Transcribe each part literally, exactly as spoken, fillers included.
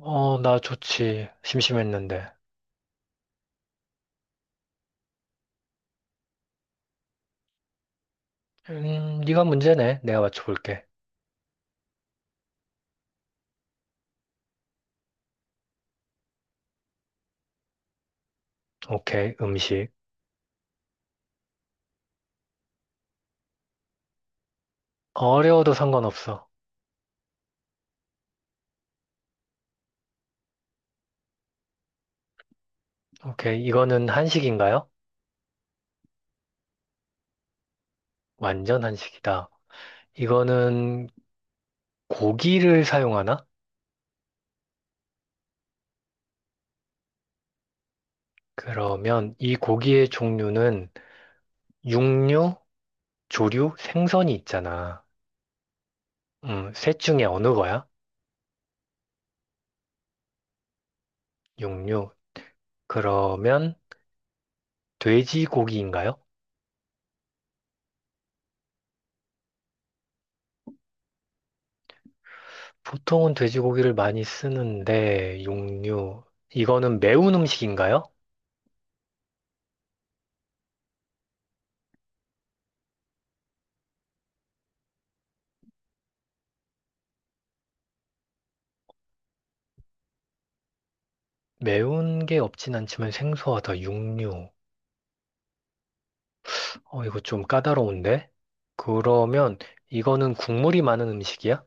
어, 나 좋지. 심심했는데. 음, 네가 문제네. 내가 맞춰볼게. 오케이, 음식. 어려워도 상관없어. 오케이, 이거는 한식인가요? 완전 한식이다. 이거는 고기를 사용하나? 그러면 이 고기의 종류는 육류, 조류, 생선이 있잖아. 음, 셋 중에 어느 거야? 육류. 그러면 돼지고기인가요? 보통은 돼지고기를 많이 쓰는데, 육류. 이거는 매운 음식인가요? 매운 게 없진 않지만 생소하다, 육류. 어, 이거 좀 까다로운데? 그러면 이거는 국물이 많은 음식이야?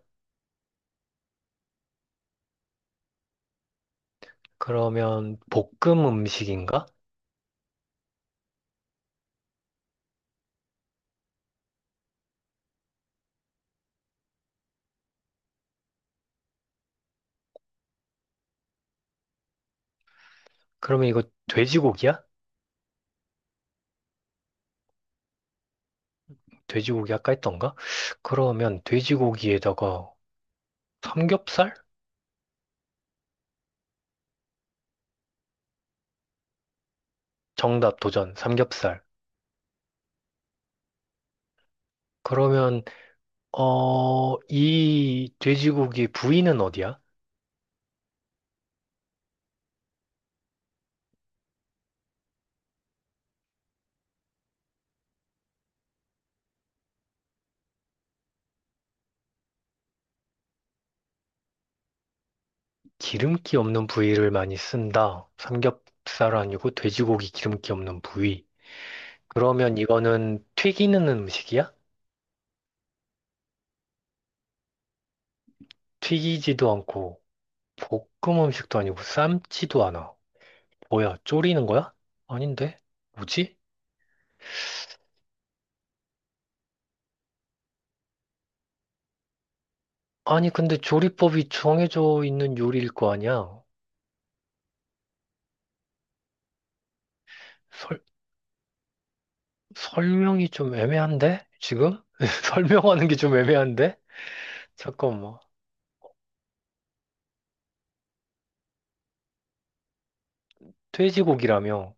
그러면 볶음 음식인가? 그러면 이거 돼지고기야? 돼지고기 아까 했던가? 그러면 돼지고기에다가 삼겹살? 정답 도전, 삼겹살. 그러면, 어, 이 돼지고기 부위는 어디야? 기름기 없는 부위를 많이 쓴다. 삼겹살 아니고 돼지고기 기름기 없는 부위. 그러면 이거는 튀기는 음식이야? 튀기지도 않고 볶음 음식도 아니고 삶지도 않아. 뭐야, 졸이는 거야? 아닌데? 뭐지? 아니, 근데 조리법이 정해져 있는 요리일 거 아니야? 설, 설명이 좀 애매한데 지금? 설명하는 게 좀 애매한데? 잠깐만. 돼지고기라며.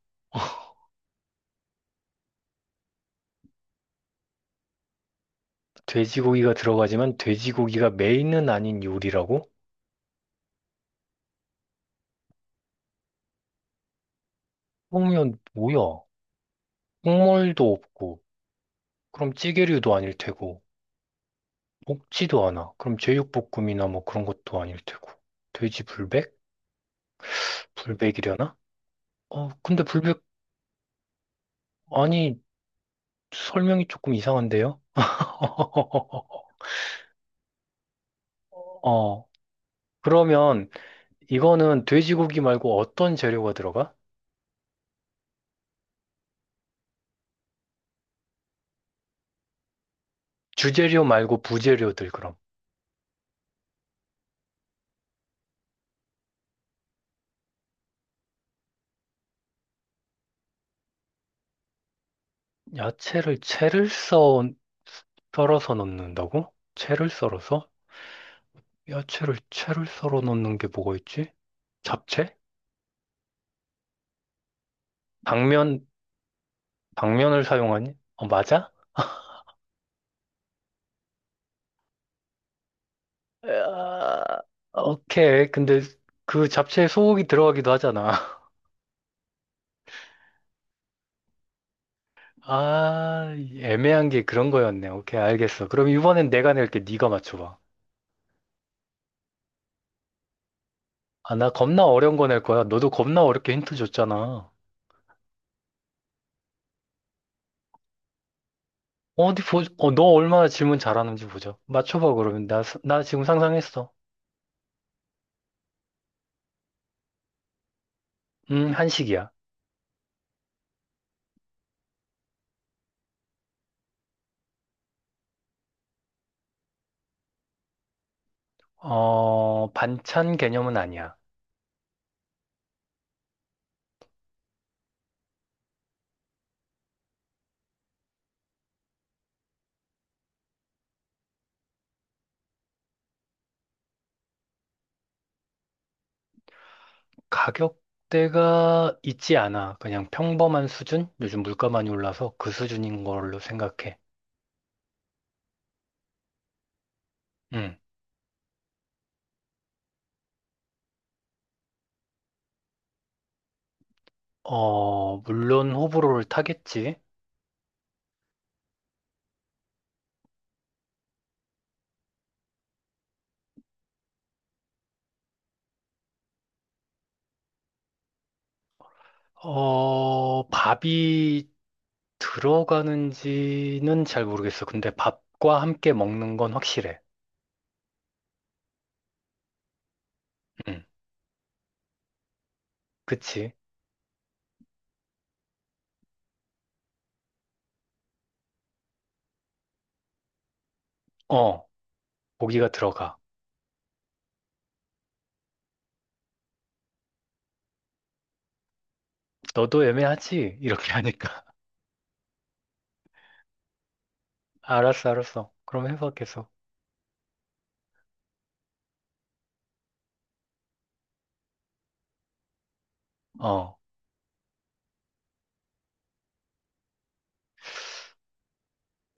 돼지고기가 들어가지만 돼지고기가 메인은 아닌 요리라고? 그러면 뭐야? 국물도 없고, 그럼 찌개류도 아닐 테고, 볶지도 않아. 그럼 제육볶음이나 뭐 그런 것도 아닐 테고. 돼지 불백? 불백이려나? 어, 근데 불백, 아니, 설명이 조금 이상한데요? 어, 그러면 이거는 돼지고기 말고 어떤 재료가 들어가? 주재료 말고 부재료들 그럼. 야채를 채를 썰 썰어서 넣는다고? 채를 썰어서? 야채를 채를 썰어 넣는 게 뭐가 있지? 잡채? 당면, 당면을 사용하니? 어 맞아? 으아, 오케이. 근데 그 잡채에 소고기 들어가기도 하잖아. 아, 애매한 게 그런 거였네. 오케이, 알겠어. 그럼 이번엔 내가 낼게. 네가 맞춰봐. 아, 나 겁나 어려운 거 낼 거야. 너도 겁나 어렵게 힌트 줬잖아. 어디 보, 어, 너 얼마나 질문 잘하는지 보자. 맞춰봐, 그러면. 나, 스- 나 지금 상상했어. 음, 한식이야. 어, 반찬 개념은 아니야. 가격대가 있지 않아. 그냥 평범한 수준? 요즘 물가 많이 올라서 그 수준인 걸로 생각해. 음. 어, 물론 호불호를 타겠지. 어, 밥이 들어가는지는 잘 모르겠어. 근데 밥과 함께 먹는 건 확실해. 음, 그치? 어, 고기가 들어가. 너도 애매하지? 이렇게 하니까. 알았어, 알았어. 그럼 해봐, 계속. 어.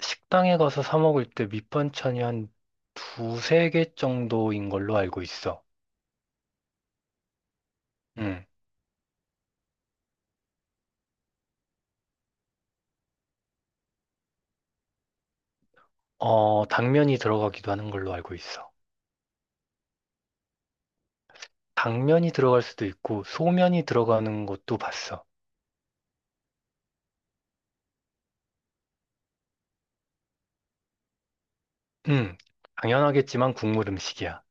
식당에 가서 사 먹을 때 밑반찬이 한 두세 개 정도인 걸로 알고 있어. 응. 어, 당면이 들어가기도 하는 걸로 알고 있어. 당면이 들어갈 수도 있고, 소면이 들어가는 것도 봤어. 응. 당연하겠지만 국물 음식이야.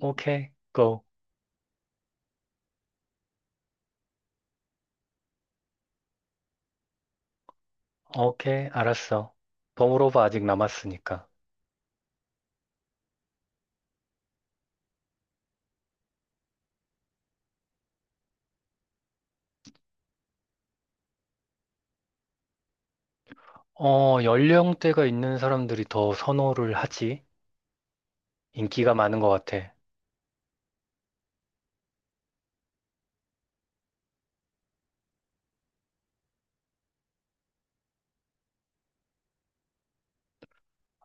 오케이, 고. 오케이, 알았어. 더 물어봐, 아직 남았으니까. 어, 연령대가 있는 사람들이 더 선호를 하지. 인기가 많은 것 같아.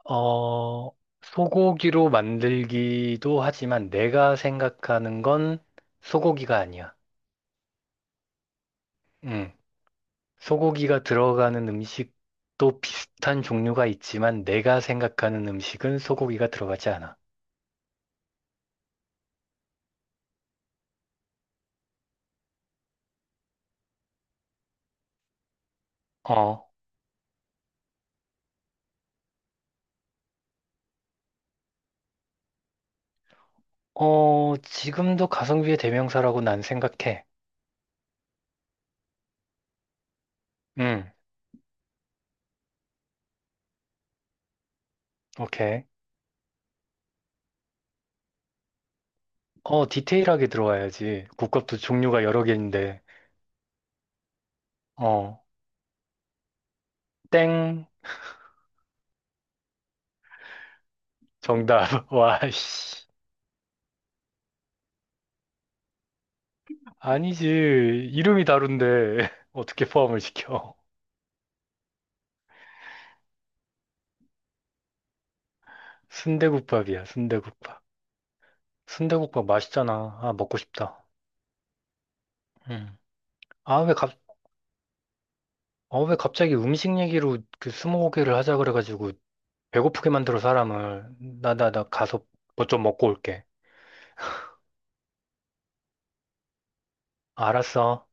어, 소고기로 만들기도 하지만 내가 생각하는 건 소고기가 아니야. 응. 소고기가 들어가는 음식도 비슷한 종류가 있지만 내가 생각하는 음식은 소고기가 들어가지 않아. 어, 어, 지금도 가성비의 대명사라고 난 생각해. 응, 오케이. 어, 디테일하게 들어와야지. 국밥도 종류가 여러 개인데. 어, 땡, 정답. 와, 씨. 아니지. 이름이 다른데 어떻게 포함을 시켜? 순대국밥이야, 순대국밥. 순대국밥 맛있잖아. 아, 먹고 싶다. 음. 아, 왜 갑, 어, 왜 갑자기 음식 얘기로 그 스무고개를 하자 그래가지고 배고프게 만들어 사람을. 나, 나, 나 가서 뭐 좀 먹고 올게. 알았어.